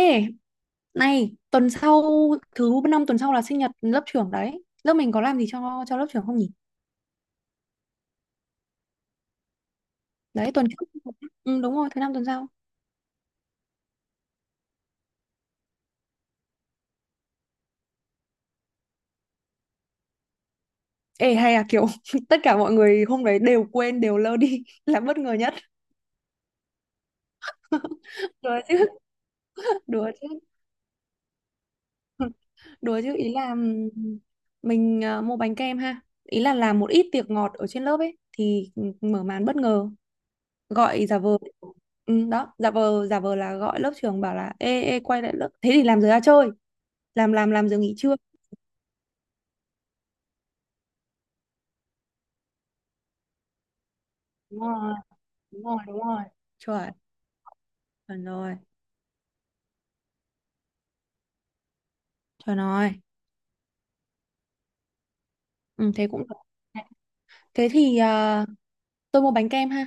Ê, này, tuần sau thứ năm tuần sau là sinh nhật lớp trưởng đấy. Lớp mình có làm gì cho lớp trưởng không nhỉ? Đấy, tuần trước. Ừ, đúng rồi, thứ năm tuần sau. Ê, hay là kiểu tất cả mọi người hôm đấy đều quên, đều lơ đi là bất ngờ nhất. Đùa chứ, đùa chứ. Đùa chứ ý là mình mua bánh kem ha. Ý là làm một ít tiệc ngọt ở trên lớp ấy thì mở màn bất ngờ, gọi giả vờ. Ừ, đó, giả vờ là gọi lớp trưởng bảo là ê ê quay lại lớp. Thế thì làm giờ ra chơi. Làm giờ nghỉ trưa. Đúng rồi, đúng rồi, đúng rồi. Chuẩn, chuẩn rồi, chuẩn rồi. Ừ, thế cũng được. Thế thì à, tôi mua bánh kem ha.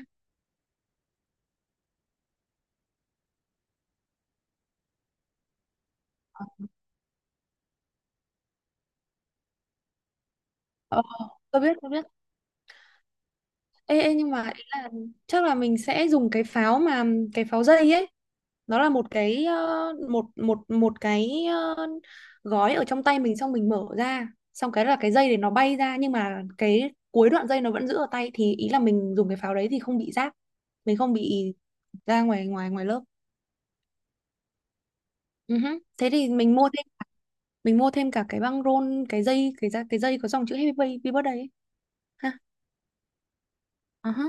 Ờ, tôi biết. Ê, ê nhưng mà ý là chắc là mình sẽ dùng cái pháo mà, cái pháo dây ấy. Nó là một cái một một một cái gói ở trong tay mình xong mình mở ra, xong cái là cái dây để nó bay ra nhưng mà cái cuối đoạn dây nó vẫn giữ ở tay, thì ý là mình dùng cái pháo đấy thì không bị rác, mình không bị ra ngoài ngoài ngoài lớp. Ừ hứ. Thế thì mình mua thêm, mình mua thêm cả cái băng rôn, cái dây, cái da, cái dây có dòng chữ Happy Birthday ấy. Ha. Ờ hả.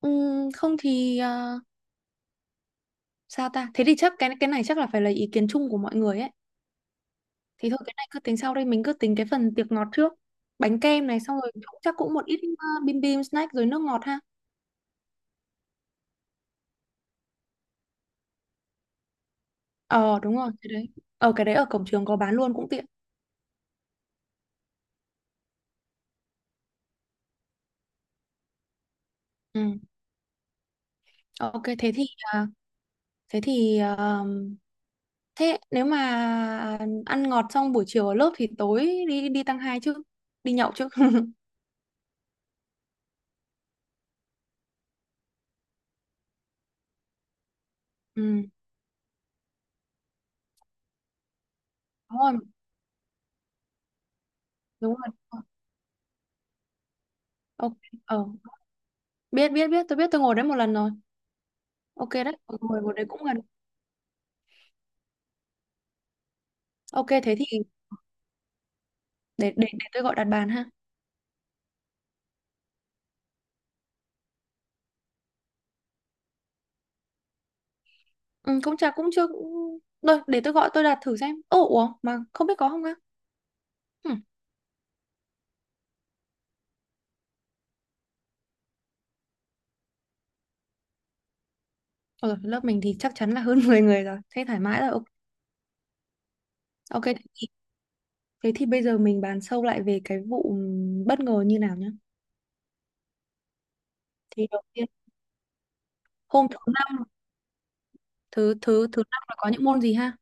Không thì sao ta, thế thì chắc cái này chắc là phải là ý kiến chung của mọi người ấy, thì thôi cái này cứ tính sau, đây mình cứ tính cái phần tiệc ngọt trước. Bánh kem này xong rồi cũng- chắc cũng một ít bim bim snack rồi nước ngọt ha. Ờ đúng rồi cái đấy, ở cái đấy ở cổng trường có bán luôn cũng tiện. Ừ, ok thế thì ờ, thế thì thế nếu mà ăn ngọt xong buổi chiều ở lớp thì tối đi đi tăng hai chứ, đi nhậu chứ. Ừ, đúng rồi, đúng rồi. Ok, ờ, biết biết biết, tôi biết, tôi ngồi đấy một lần rồi. Ok đấy, ngồi một đấy cũng gần. Ok thế thì để tôi gọi đặt bàn ha. Ừ, cũng chả cũng chưa cũng... Rồi, để tôi gọi tôi đặt thử xem. Ồ, ủa mà không biết có không á? Ừ. Rồi, lớp mình thì chắc chắn là hơn 10 người rồi, thế thoải mái rồi. Ok. Ok, thì, thế thì bây giờ mình bàn sâu lại về cái vụ bất ngờ như nào nhá. Thì đầu tiên hôm thứ năm, thứ thứ thứ năm là có những môn gì ha.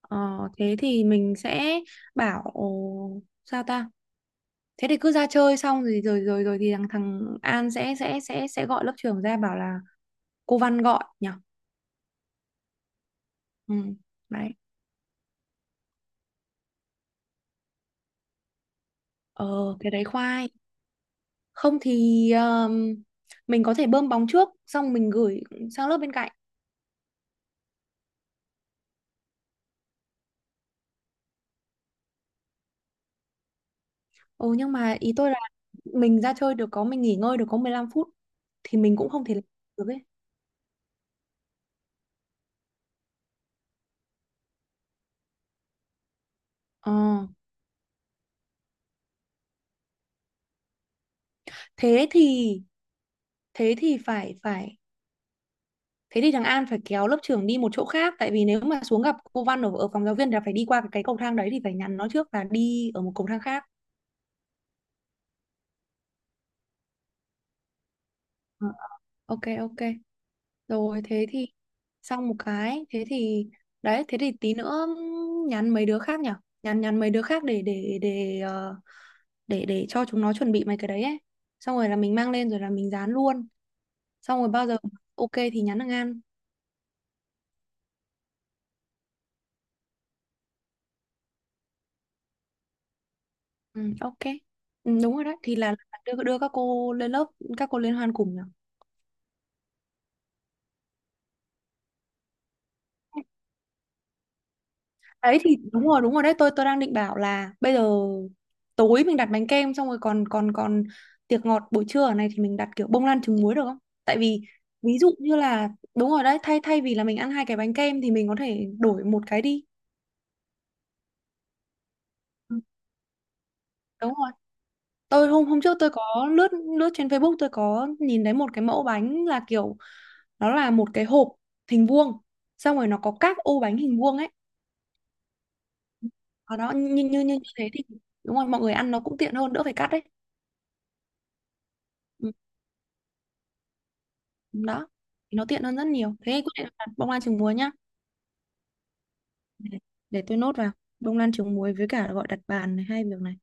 Ờ, thế thì mình sẽ bảo, sao ta, thế thì cứ ra chơi xong rồi rồi rồi rồi thì thằng thằng An sẽ gọi lớp trưởng ra bảo là cô Văn gọi nhỉ. Ừ, đấy. Ờ thế đấy khoai, không thì mình có thể bơm bóng trước xong mình gửi sang lớp bên cạnh. Ồ nhưng mà ý tôi là mình ra chơi được có, mình nghỉ ngơi được có 15 phút thì mình cũng không thể làm được ấy. Ờ thế thì, thế thì phải phải thế thì thằng An phải kéo lớp trưởng đi một chỗ khác, tại vì nếu mà xuống gặp cô Văn ở, ở phòng giáo viên là phải đi qua cái cầu thang đấy, thì phải nhắn nó trước là đi ở một cầu thang khác. Ờ, ok ok. Rồi thế thì xong một cái, thế thì đấy, thế thì tí nữa nhắn mấy đứa khác nhỉ? Nhắn nhắn mấy đứa khác để để cho chúng nó chuẩn bị mấy cái đấy ấy. Xong rồi là mình mang lên rồi là mình dán luôn. Xong rồi bao giờ ok thì nhắn thằng An. Ừ, ok. Ừ, đúng rồi đấy, thì là đưa đưa các cô lên lớp, các cô liên hoan cùng nhỉ? Đấy thì đúng rồi đấy, tôi đang định bảo là bây giờ tối mình đặt bánh kem xong rồi còn còn còn tiệc ngọt buổi trưa ở này thì mình đặt kiểu bông lan trứng muối được không? Tại vì ví dụ như là đúng rồi đấy, thay thay vì là mình ăn hai cái bánh kem thì mình có thể đổi một cái đi. Ừ, đúng rồi. Tôi hôm hôm trước tôi có lướt lướt trên Facebook, tôi có nhìn thấy một cái mẫu bánh là kiểu nó là một cái hộp hình vuông, xong rồi nó có các ô bánh hình vuông ấy. Ở đó như như như như thế thì đúng rồi, mọi người ăn nó cũng tiện hơn, đỡ phải cắt đấy. Đó thì nó tiện hơn rất nhiều, thế quyết định là bông lan trứng muối nhá. để, để tôi nốt vào bông lan trứng muối với cả gọi đặt bàn, này hai việc này.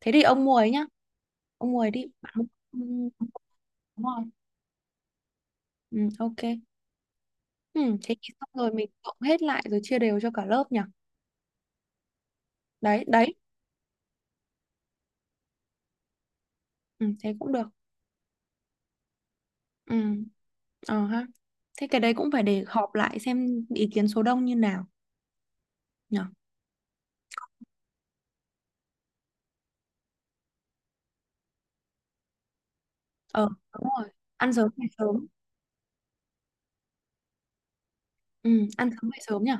Thế thì ông mua ấy nhá, ông mua ấy đi bạn, không không- không mua rồi. Ừ, ok. Ừ, thế thì xong rồi mình cộng hết lại rồi chia đều cho cả lớp nhỉ. Đấy đấy, ừ, thế cũng được. Ừ, ờ ha, thế cái đấy cũng phải để họp lại xem ý kiến số đông như nào nhỉ. Ờ đúng rồi, ăn sớm về sớm. Ừ, ăn sớm về sớm nhỉ.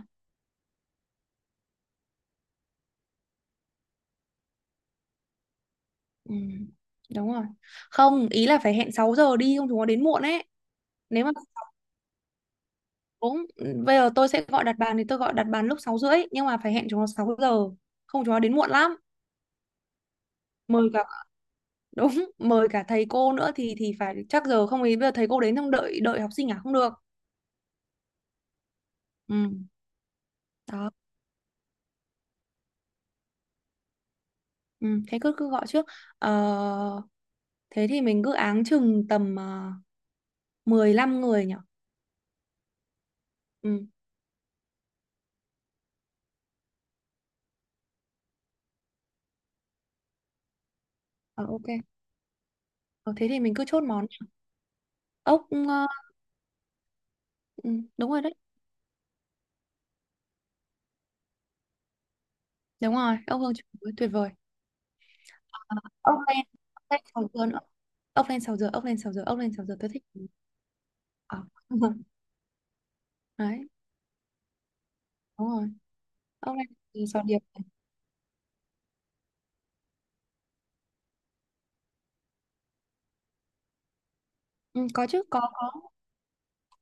Ừ, đúng rồi. Không, ý là phải hẹn 6 giờ đi không chúng nó đến muộn ấy. Nếu mà 6, bây giờ tôi sẽ gọi đặt bàn thì tôi gọi đặt bàn lúc 6 rưỡi nhưng mà phải hẹn chúng nó 6 giờ. Không chúng nó đến muộn lắm. Mời cả đúng, mời cả thầy cô nữa thì phải chắc giờ, không ý bây giờ thầy cô đến xong đợi đợi học sinh à, không được. Ừ, đó. Ừ, thế cứ cứ gọi trước. Ờ, thế thì mình cứ áng chừng tầm 15 người nhỉ. Ừ, ờ, ok. Ờ, thế thì mình cứ chốt món ốc ờ, ừ, đúng rồi đấy. Đúng rồi, ốc hương chuối tuyệt vời. Ờ, ốc len, ốc len 6 giờ nữa. Ốc len 6 giờ, ốc len 6 giờ, ốc len 6 giờ tôi thích. Ờ. Đấy, đúng rồi. Ốc len sáu giờ, sò điệp. Ừ, có chứ, có,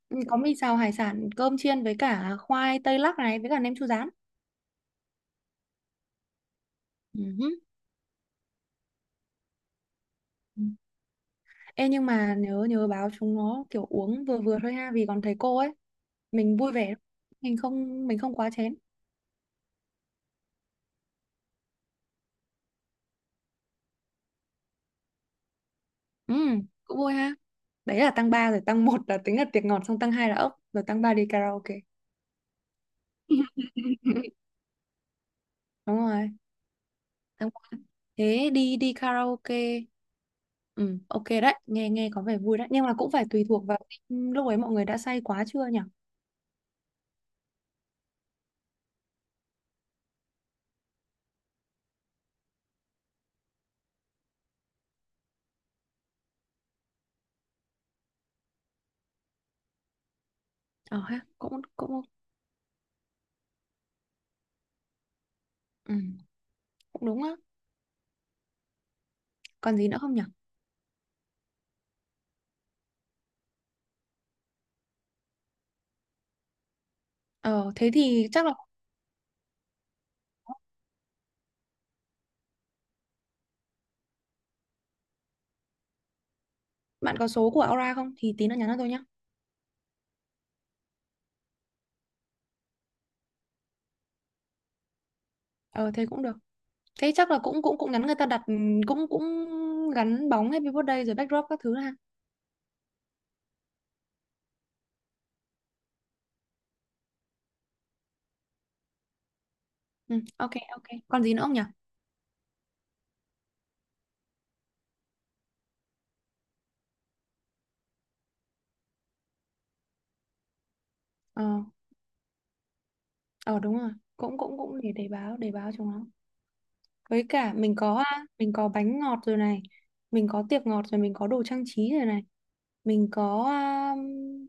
ừ, có mì xào hải sản, cơm chiên với cả khoai tây lắc này với cả nem chua rán. Ừ hứ. Ừ. Ê nhưng mà nhớ nhớ báo chúng nó kiểu uống vừa vừa thôi ha vì còn thầy cô ấy, mình vui vẻ. Mình không, mình không quá chén. Ừ, cũng vui ha. Đấy là tăng 3 rồi, tăng một là tính là tiệc ngọt, xong tăng 2 là ốc, rồi tăng 3 đi karaoke. Đúng rồi, tháng qua, thế đi đi karaoke. Ừ ok đấy, nghe nghe có vẻ vui đấy nhưng mà cũng phải tùy thuộc vào lúc ấy mọi người đã say quá chưa nhỉ. Ờ ha, cũng cũng ừ, cũng đúng á. Còn gì nữa không nhỉ? Ờ thế thì chắc là bạn có số của Aura không thì tí nữa nhắn cho tôi nhá. Ờ thế cũng được, thế chắc là cũng cũng cũng nhắn người ta đặt, ừ, cũng cũng gắn bóng Happy Birthday rồi backdrop các thứ ha. Ừ ok ok. Còn gì nữa không nhỉ? Ờ, ờ đúng rồi, cũng cũng cũng để báo, báo cho nó. Với cả mình có à, mình có bánh ngọt rồi này, mình có tiệc ngọt rồi, mình có đồ trang trí rồi này, mình có à,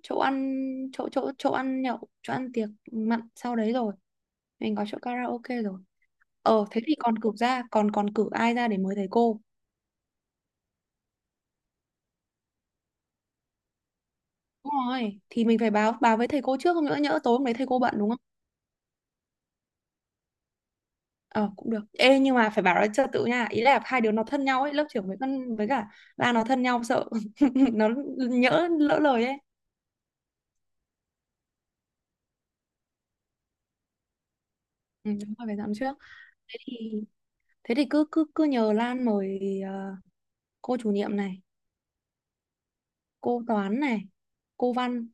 chỗ ăn, chỗ chỗ chỗ ăn nhậu, chỗ ăn tiệc mặn sau đấy rồi, mình có chỗ karaoke rồi. Ờ thế thì còn cử ra, còn còn cử ai ra để mời thầy cô? Đúng rồi, thì mình phải báo báo với thầy cô trước, không nữa nhỡ tối hôm đấy thầy cô bận đúng không? Ờ cũng được. Ê nhưng mà phải bảo nó trật tự nha, ý là hai đứa nó thân nhau ấy, lớp trưởng với con với cả ba nó thân nhau, sợ nó nhỡ lỡ lời ấy. Ừ, đúng rồi phải dặn trước. Thế thì, thế thì cứ cứ cứ nhờ Lan mời ờ, cô chủ nhiệm này, cô toán này, cô văn.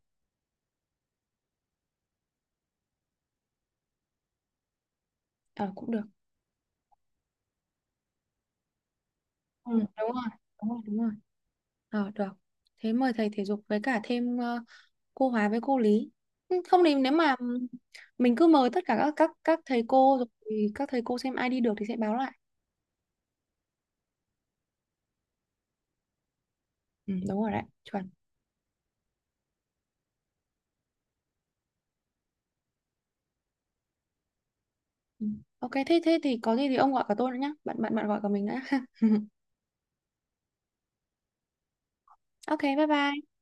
Ờ cũng được. Ừ, đúng rồi, đúng rồi. Ờ được. Thế mời thầy thể dục với cả thêm ờ, cô hóa với cô lý. Ừ, không thì nếu mà mình cứ mời tất cả các thầy cô rồi thì các thầy cô xem ai đi được thì sẽ báo lại. Ừ, đúng rồi đấy, chuẩn. Ừ. Ok thế thế thì có gì thì ông gọi cả tôi nữa nhá. Bạn bạn bạn gọi cả mình nữa. Ok, bye bye.